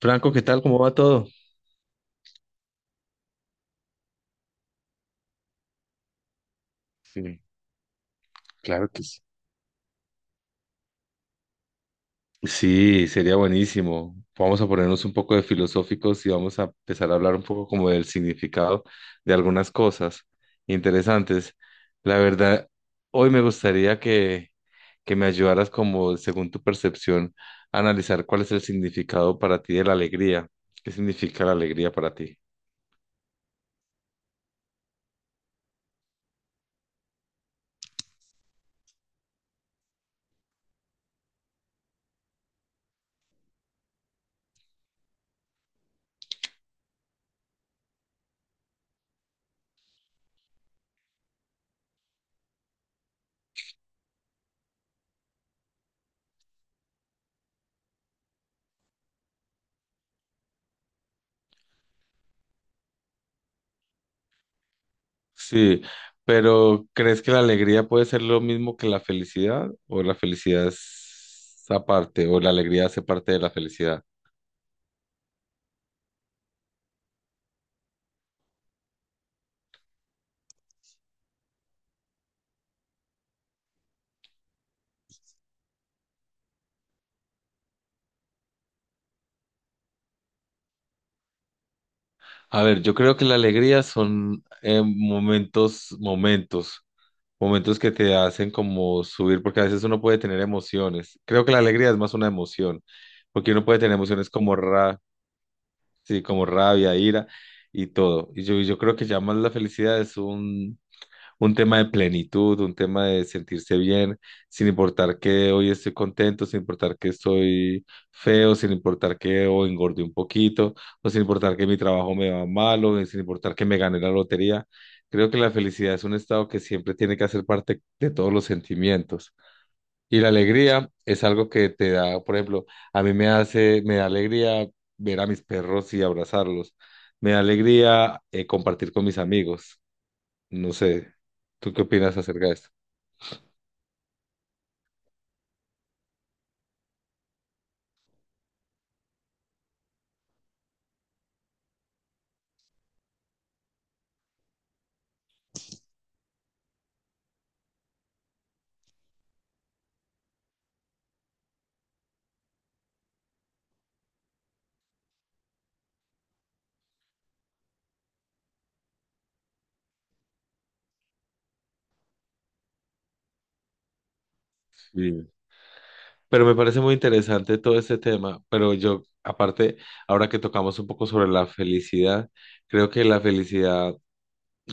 Franco, ¿qué tal? ¿Cómo va todo? Sí, claro que sí. Sí, sería buenísimo. Vamos a ponernos un poco de filosóficos y vamos a empezar a hablar un poco como del significado de algunas cosas interesantes. La verdad, hoy me gustaría que me ayudaras como, según tu percepción, a analizar cuál es el significado para ti de la alegría. ¿Qué significa la alegría para ti? Sí, pero ¿crees que la alegría puede ser lo mismo que la felicidad? ¿O la felicidad es aparte? ¿O la alegría hace parte de la felicidad? A ver, yo creo que la alegría son momentos que te hacen como subir, porque a veces uno puede tener emociones. Creo que la alegría es más una emoción, porque uno puede tener emociones como sí, como rabia, ira y todo. Y yo creo que ya más la felicidad es un tema de plenitud, un tema de sentirse bien, sin importar que hoy estoy contento, sin importar que estoy feo, sin importar que o engordé un poquito, o sin importar que mi trabajo me va mal, o sin importar que me gané la lotería. Creo que la felicidad es un estado que siempre tiene que hacer parte de todos los sentimientos. Y la alegría es algo que te da, por ejemplo, a mí me da alegría ver a mis perros y abrazarlos. Me da alegría compartir con mis amigos. No sé, ¿tú qué opinas acerca de esto? Sí. Pero me parece muy interesante todo este tema, pero yo, aparte, ahora que tocamos un poco sobre la felicidad, creo que la felicidad,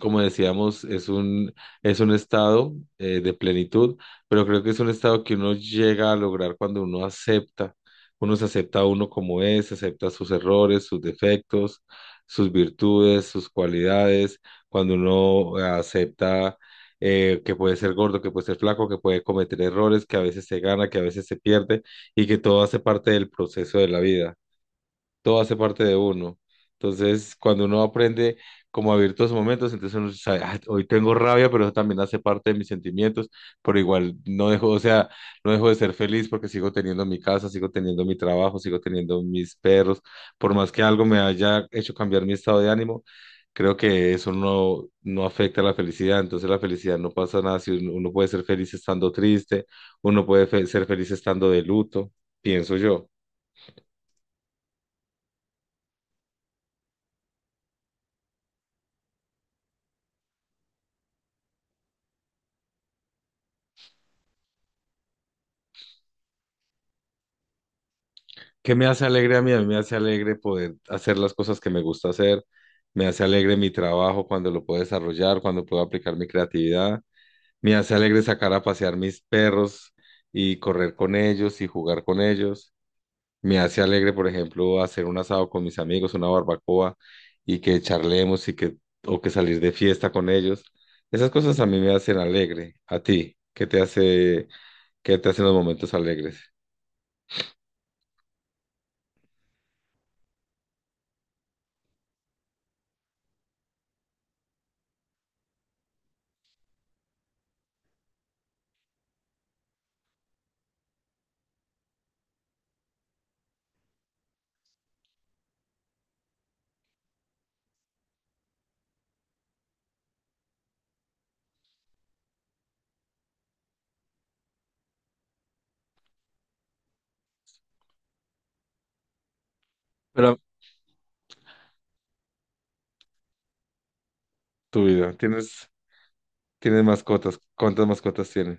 como decíamos, es un estado de plenitud, pero creo que es un estado que uno llega a lograr cuando uno acepta, uno se acepta a uno como es, acepta sus errores, sus defectos, sus virtudes, sus cualidades, cuando uno acepta que puede ser gordo, que puede ser flaco, que puede cometer errores, que a veces se gana, que a veces se pierde y que todo hace parte del proceso de la vida, todo hace parte de uno. Entonces, cuando uno aprende como a vivir todos esos momentos, entonces uno sabe: "Ah, hoy tengo rabia, pero eso también hace parte de mis sentimientos, pero igual no dejo, o sea, no dejo de ser feliz porque sigo teniendo mi casa, sigo teniendo mi trabajo, sigo teniendo mis perros, por más que algo me haya hecho cambiar mi estado de ánimo, creo que eso no afecta a la felicidad, entonces la felicidad, no pasa nada, si uno puede ser feliz estando triste, uno puede ser feliz estando de luto, pienso yo". ¿Qué me hace alegre a mí? A mí me hace alegre poder hacer las cosas que me gusta hacer, me hace alegre mi trabajo cuando lo puedo desarrollar, cuando puedo aplicar mi creatividad, me hace alegre sacar a pasear mis perros y correr con ellos y jugar con ellos, me hace alegre, por ejemplo, hacer un asado con mis amigos, una barbacoa y que charlemos o que salir de fiesta con ellos. Esas cosas a mí me hacen alegre. ¿A ti? ¿ qué te hacen los momentos alegres? Pero tu vida, ¿tienen mascotas? ¿Cuántas mascotas tienen?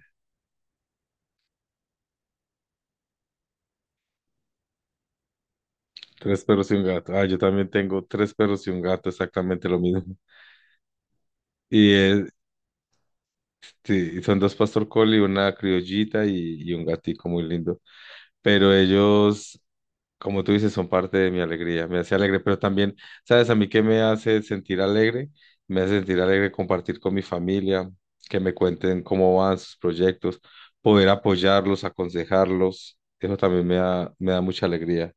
Tres perros y un gato. Ah, yo también tengo tres perros y un gato, exactamente lo mismo. Y sí, y, son dos pastor collie, una criollita y un gatico muy lindo. Pero ellos, como tú dices, son parte de mi alegría. Me hace alegre, pero también, ¿sabes a mí qué me hace sentir alegre? Me hace sentir alegre compartir con mi familia, que me cuenten cómo van sus proyectos, poder apoyarlos, aconsejarlos. Eso también me da mucha alegría.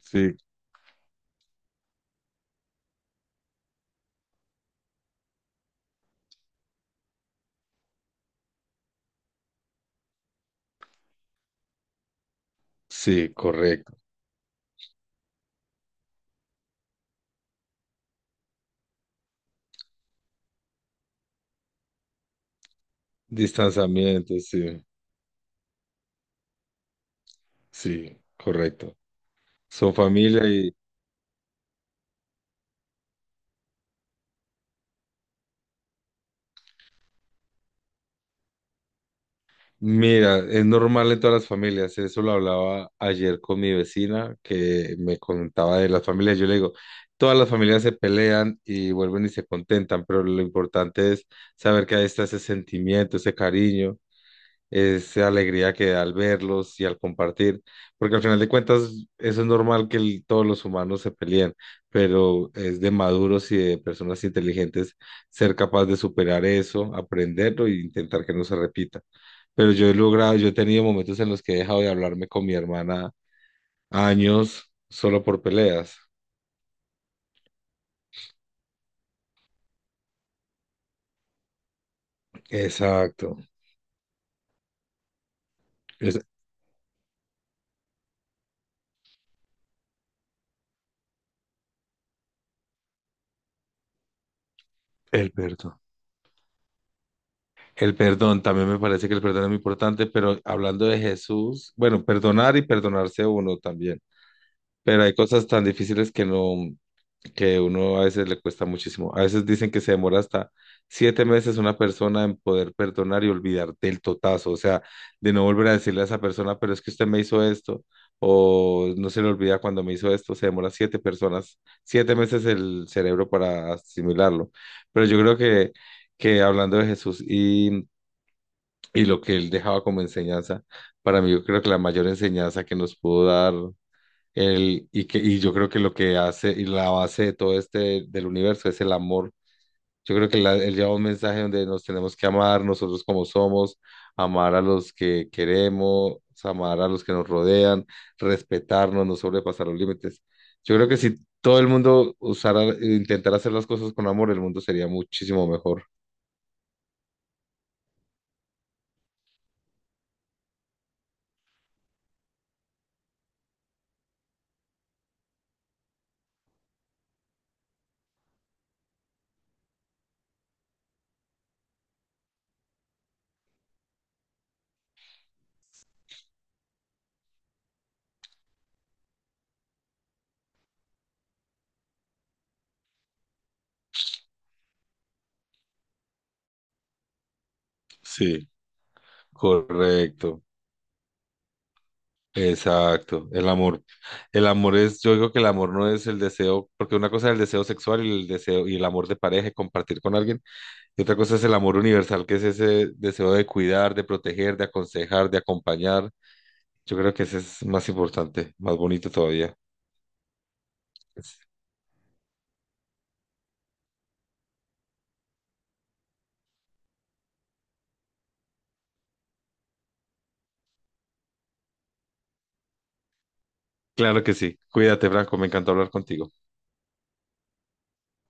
Sí, sí, correcto. Distanciamiento, sí, sí, correcto. Son familia y mira, es normal en todas las familias. Eso lo hablaba ayer con mi vecina que me contaba de las familias. Yo le digo, todas las familias se pelean y vuelven y se contentan, pero lo importante es saber que ahí está ese sentimiento, ese cariño, esa alegría que da al verlos y al compartir, porque al final de cuentas eso es normal, que todos los humanos se peleen, pero es de maduros y de personas inteligentes ser capaz de superar eso, aprenderlo e intentar que no se repita. Pero yo he tenido momentos en los que he dejado de hablarme con mi hermana años solo por peleas. Exacto, es el perdón. El perdón, también me parece que el perdón es muy importante, pero hablando de Jesús, bueno, perdonar y perdonarse uno también. Pero hay cosas tan difíciles que no, que uno a veces le cuesta muchísimo. A veces dicen que se demora hasta 7 meses una persona en poder perdonar y olvidar del totazo, o sea, de no volver a decirle a esa persona, pero es que usted me hizo esto, o no se le olvida cuando me hizo esto, se demora 7 meses el cerebro para asimilarlo. Pero yo creo que, hablando de Jesús y lo que él dejaba como enseñanza, para mí yo creo que la mayor enseñanza que nos pudo dar el, y, que, y yo creo que lo que hace y la base de todo este del universo es el amor. Yo creo que él lleva un mensaje donde nos tenemos que amar nosotros como somos, amar a los que queremos, amar a los que nos rodean, respetarnos, no sobrepasar los límites. Yo creo que si todo el mundo usara, intentara hacer las cosas con amor, el mundo sería muchísimo mejor. Sí. Correcto. Exacto, el amor. El amor es, yo digo que el amor no es el deseo, porque una cosa es el deseo sexual y el deseo y el amor de pareja, y compartir con alguien, y otra cosa es el amor universal, que es ese deseo de cuidar, de proteger, de aconsejar, de acompañar. Yo creo que ese es más importante, más bonito todavía. Claro que sí. Cuídate, Franco, me encantó hablar contigo.